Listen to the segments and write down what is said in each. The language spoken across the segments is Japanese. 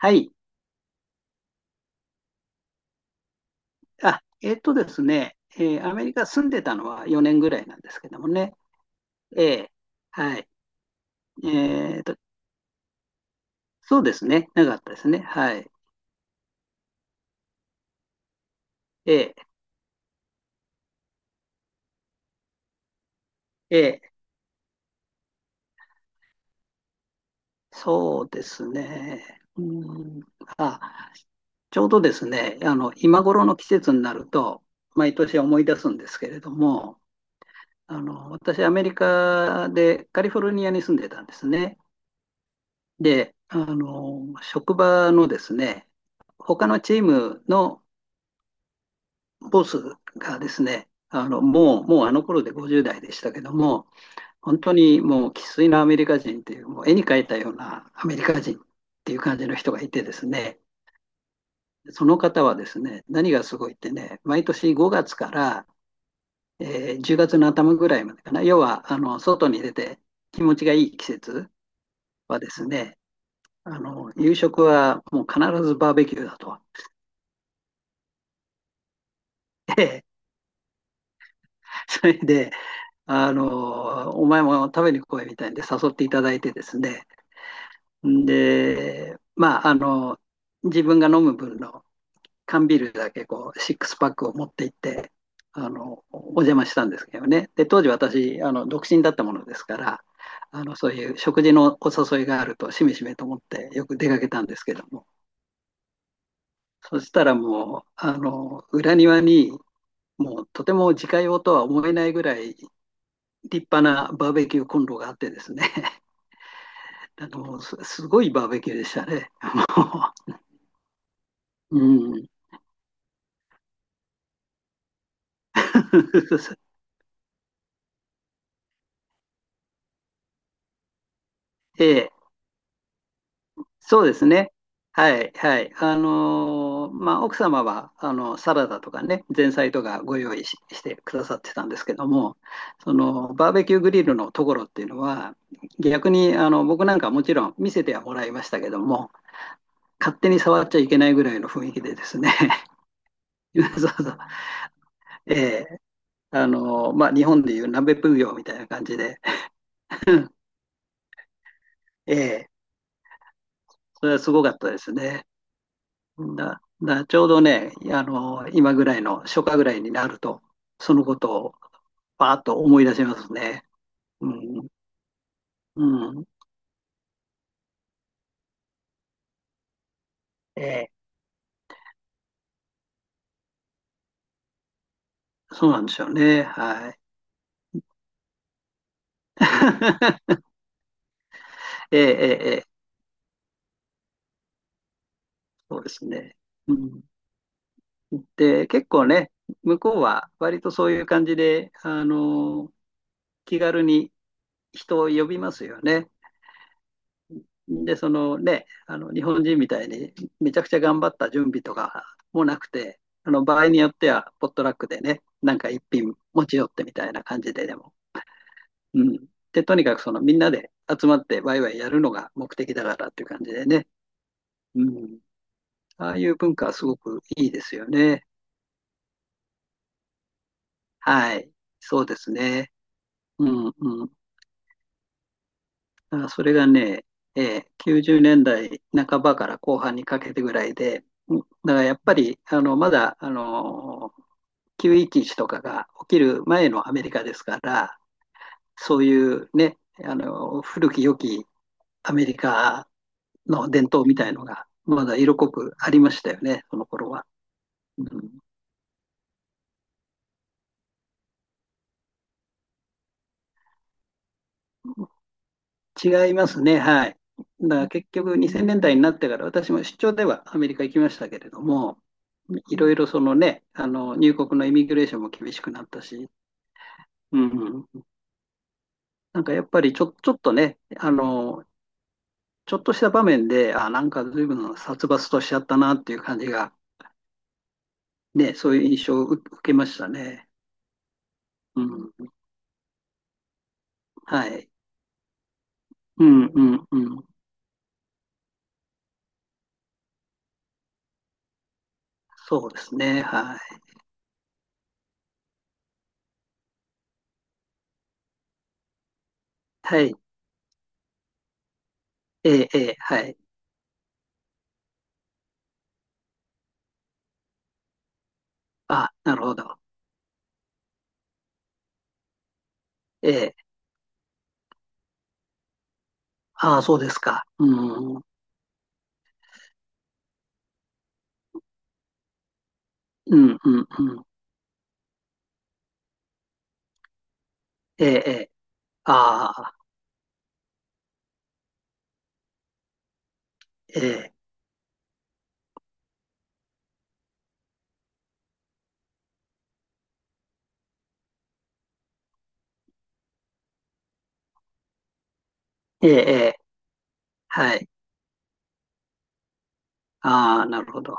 はい。あ、えっとですね、えーアメリカ住んでたのは4年ぐらいなんですけどもね。ええ、はい。えっと、そうですね。なかったですね。はい。ええ、ええ、そうですね。うん。あ、ちょうどですね、今頃の季節になると、毎年思い出すんですけれども、私、アメリカでカリフォルニアに住んでたんですね。で、職場のですね、他のチームのボスがですね、あの、もう、もうあの頃で50代でしたけども、本当にもう生粋のアメリカ人っていう、もう絵に描いたようなアメリカ人っていう感じの人がいてですね、その方はですね、何がすごいってね、毎年5月から、10月の頭ぐらいまでかな、要はあの外に出て気持ちがいい季節はですね、あの夕食はもう必ずバーベキューだと。それでお前も食べに来いみたいんで誘っていただいてですね。で、自分が飲む分の缶ビールだけこう、シックスパックを持って行って、お邪魔したんですけどね。で、当時私、独身だったものですから、そういう食事のお誘いがあると、しめしめと思ってよく出かけたんですけども、そしたらもう、裏庭に、もうとても自家用とは思えないぐらい立派なバーベキューコンロがあってですね、あのごいバーベキューでしたね。う、うん、ええ、そうですね。はい、はい。まあ、奥様はあのサラダとかね、前菜とかご用意し、してくださってたんですけども、そのバーベキューグリルのところっていうのは、逆にあの僕なんかもちろん見せてはもらいましたけども、勝手に触っちゃいけないぐらいの雰囲気でですね、そうそう、ええ、まあ、日本でいう鍋奉行みたいな感じで、ええ、それはすごかったですね。ちょうどね、今ぐらいの初夏ぐらいになると、そのことをパーッと思い出しますね。うん、うん、ええ、そうなんでしょうね。はい。ええ、ええ、ええ、そうですね。うん、で、結構ね、向こうは割とそういう感じで、気軽に人を呼びますよね。で、そのね、あの日本人みたいにめちゃくちゃ頑張った準備とかもなくて、あの場合によってはポットラックでね、なんか一品持ち寄ってみたいな感じででも。うん。で、とにかくそのみんなで集まってワイワイやるのが目的だからっていう感じでね。うん。ああいう文化はすごくいいですよね。はい、そうですね。うん、うん。だからそれがね、90年代半ばから後半にかけてぐらいで、だからやっぱり、まだ911とかが起きる前のアメリカですから、そういうね、あの古き良きアメリカの伝統みたいのが、まだ色濃くありましたよね、その頃は。うん、違いますね、はい。だから結局、2000年代になってから、私も出張ではアメリカ行きましたけれども、いろいろそのね、あの入国のイミグレーションも厳しくなったし、うん、うん、なんかやっぱりちょっとね、あのちょっとした場面で、あ、なんか随分殺伐としちゃったなっていう感じが、ね、そういう印象を受けましたね。うん。はい。うん、うん、うん。そうですね。はい。はい。ええ、ええ、はい。あ、なるほど。ええ。ああ、そうですか。うん。うん、うん、うん。ええ、ええ。ああ、ええ、ええ、ええ。はい。ああ、なるほど。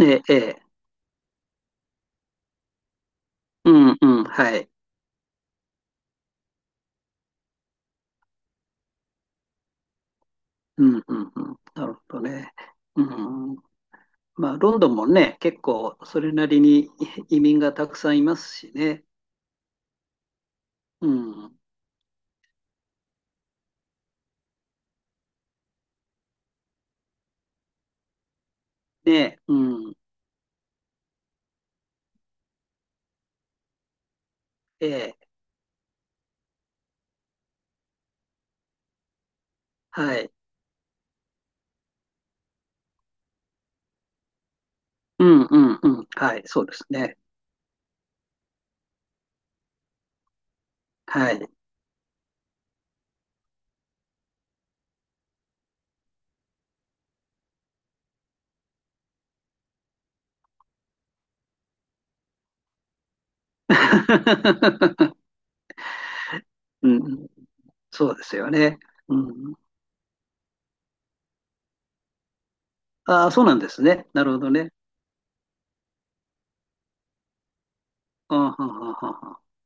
ええ、ええ。うん、うん、はい。うん、うん、うん。なるほどね。うん。まあ、ロンドンもね、結構それなりに移民がたくさんいますしね。うん。ね、うん。ええ、はい。うん、うん、うん。はい、そうですね。はい。うん、そうですよね。うん。ああ、そうなんですね。なるほどね。ああ、はあ、はあ、はあ。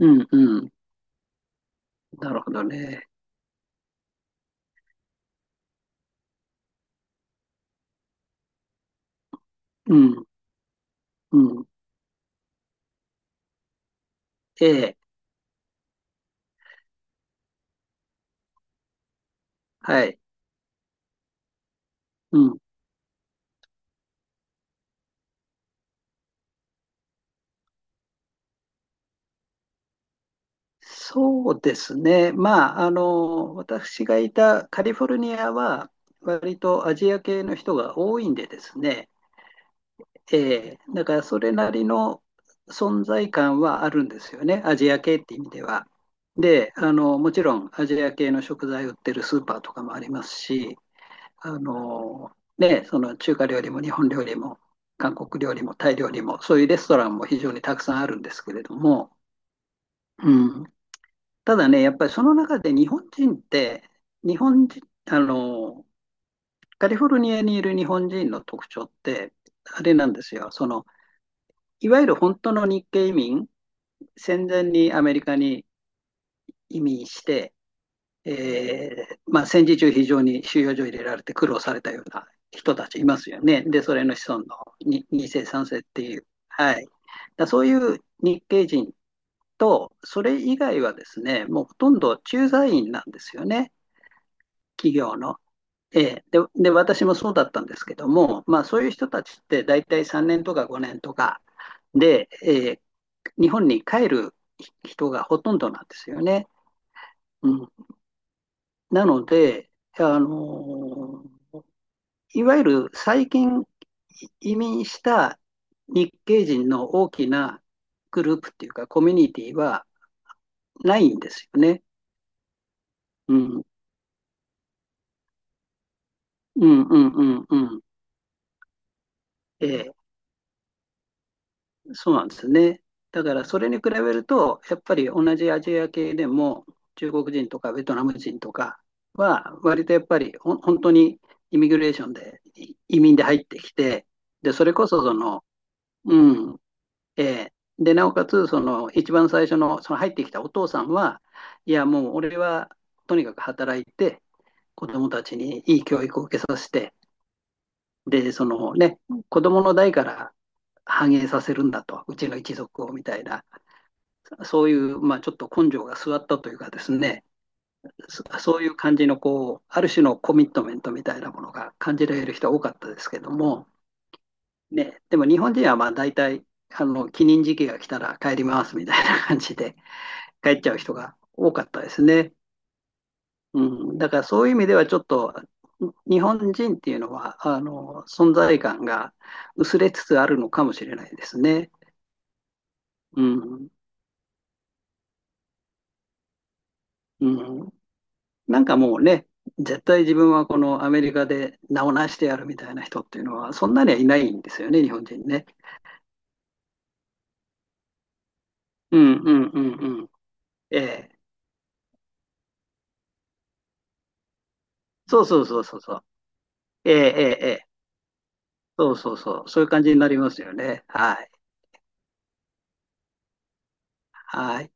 うん、うん。なるほどね。うん、うん。ええ、はい。うん、そうですね。まあ、私がいたカリフォルニアは、割とアジア系の人が多いんでですね、だからそれなりの存在感はあるんですよね、アジア系って意味では。で、もちろんアジア系の食材売ってるスーパーとかもありますし、あの、ね、その中華料理も日本料理も韓国料理もタイ料理も、そういうレストランも非常にたくさんあるんですけれども、うん、ただね、やっぱりその中で日本人って、日本人、あの、カリフォルニアにいる日本人の特徴って、あれなんですよ。その、いわゆる本当の日系移民、戦前にアメリカに移民して、えまあ、戦時中非常に収容所入れられて苦労されたような人たちいますよね。で、それの子孫のに2世、3世っていう。はい。そういう日系人と、それ以外はですね、もうほとんど駐在員なんですよね。企業の。ええ、で、私もそうだったんですけども、まあ、そういう人たちって大体3年とか5年とかで、ええ、日本に帰る人がほとんどなんですよね。うん、なので、あのいわゆる最近移民した日系人の大きなグループっていうかコミュニティはないんですよね。うん、うん、うん、うん、うん。ええ、そうなんですね。だからそれに比べると、やっぱり同じアジア系でも、中国人とかベトナム人とかは、割とやっぱり本当にイミグレーションで、移民で入ってきて、で、それこそその、うん、えーで、なおかつ、その一番最初の、その入ってきたお父さんは、いや、もう俺はとにかく働いて、子供たちにいい教育を受けさせて、で、そのね、子供の代から繁栄させるんだと、うちの一族をみたいな。そういう、まあ、ちょっと根性が据わったというかですね、そういう感じのこう、ある種のコミットメントみたいなものが感じられる人は多かったですけども、ね、でも日本人はまあ大体あの帰任時期が来たら帰りますみたいな感じで帰っちゃう人が多かったですね。うん、だからそういう意味ではちょっと日本人っていうのはあの存在感が薄れつつあるのかもしれないですね。うん、うん、なんかもうね、絶対自分はこのアメリカで名を成してやるみたいな人っていうのは、そんなにはいないんですよね、日本人ね。うん、うん、うん、うん。ええ。そうそうそうそうそう。ええ、ええ、ええ。そうそうそう。そういう感じになりますよね。はい。はい。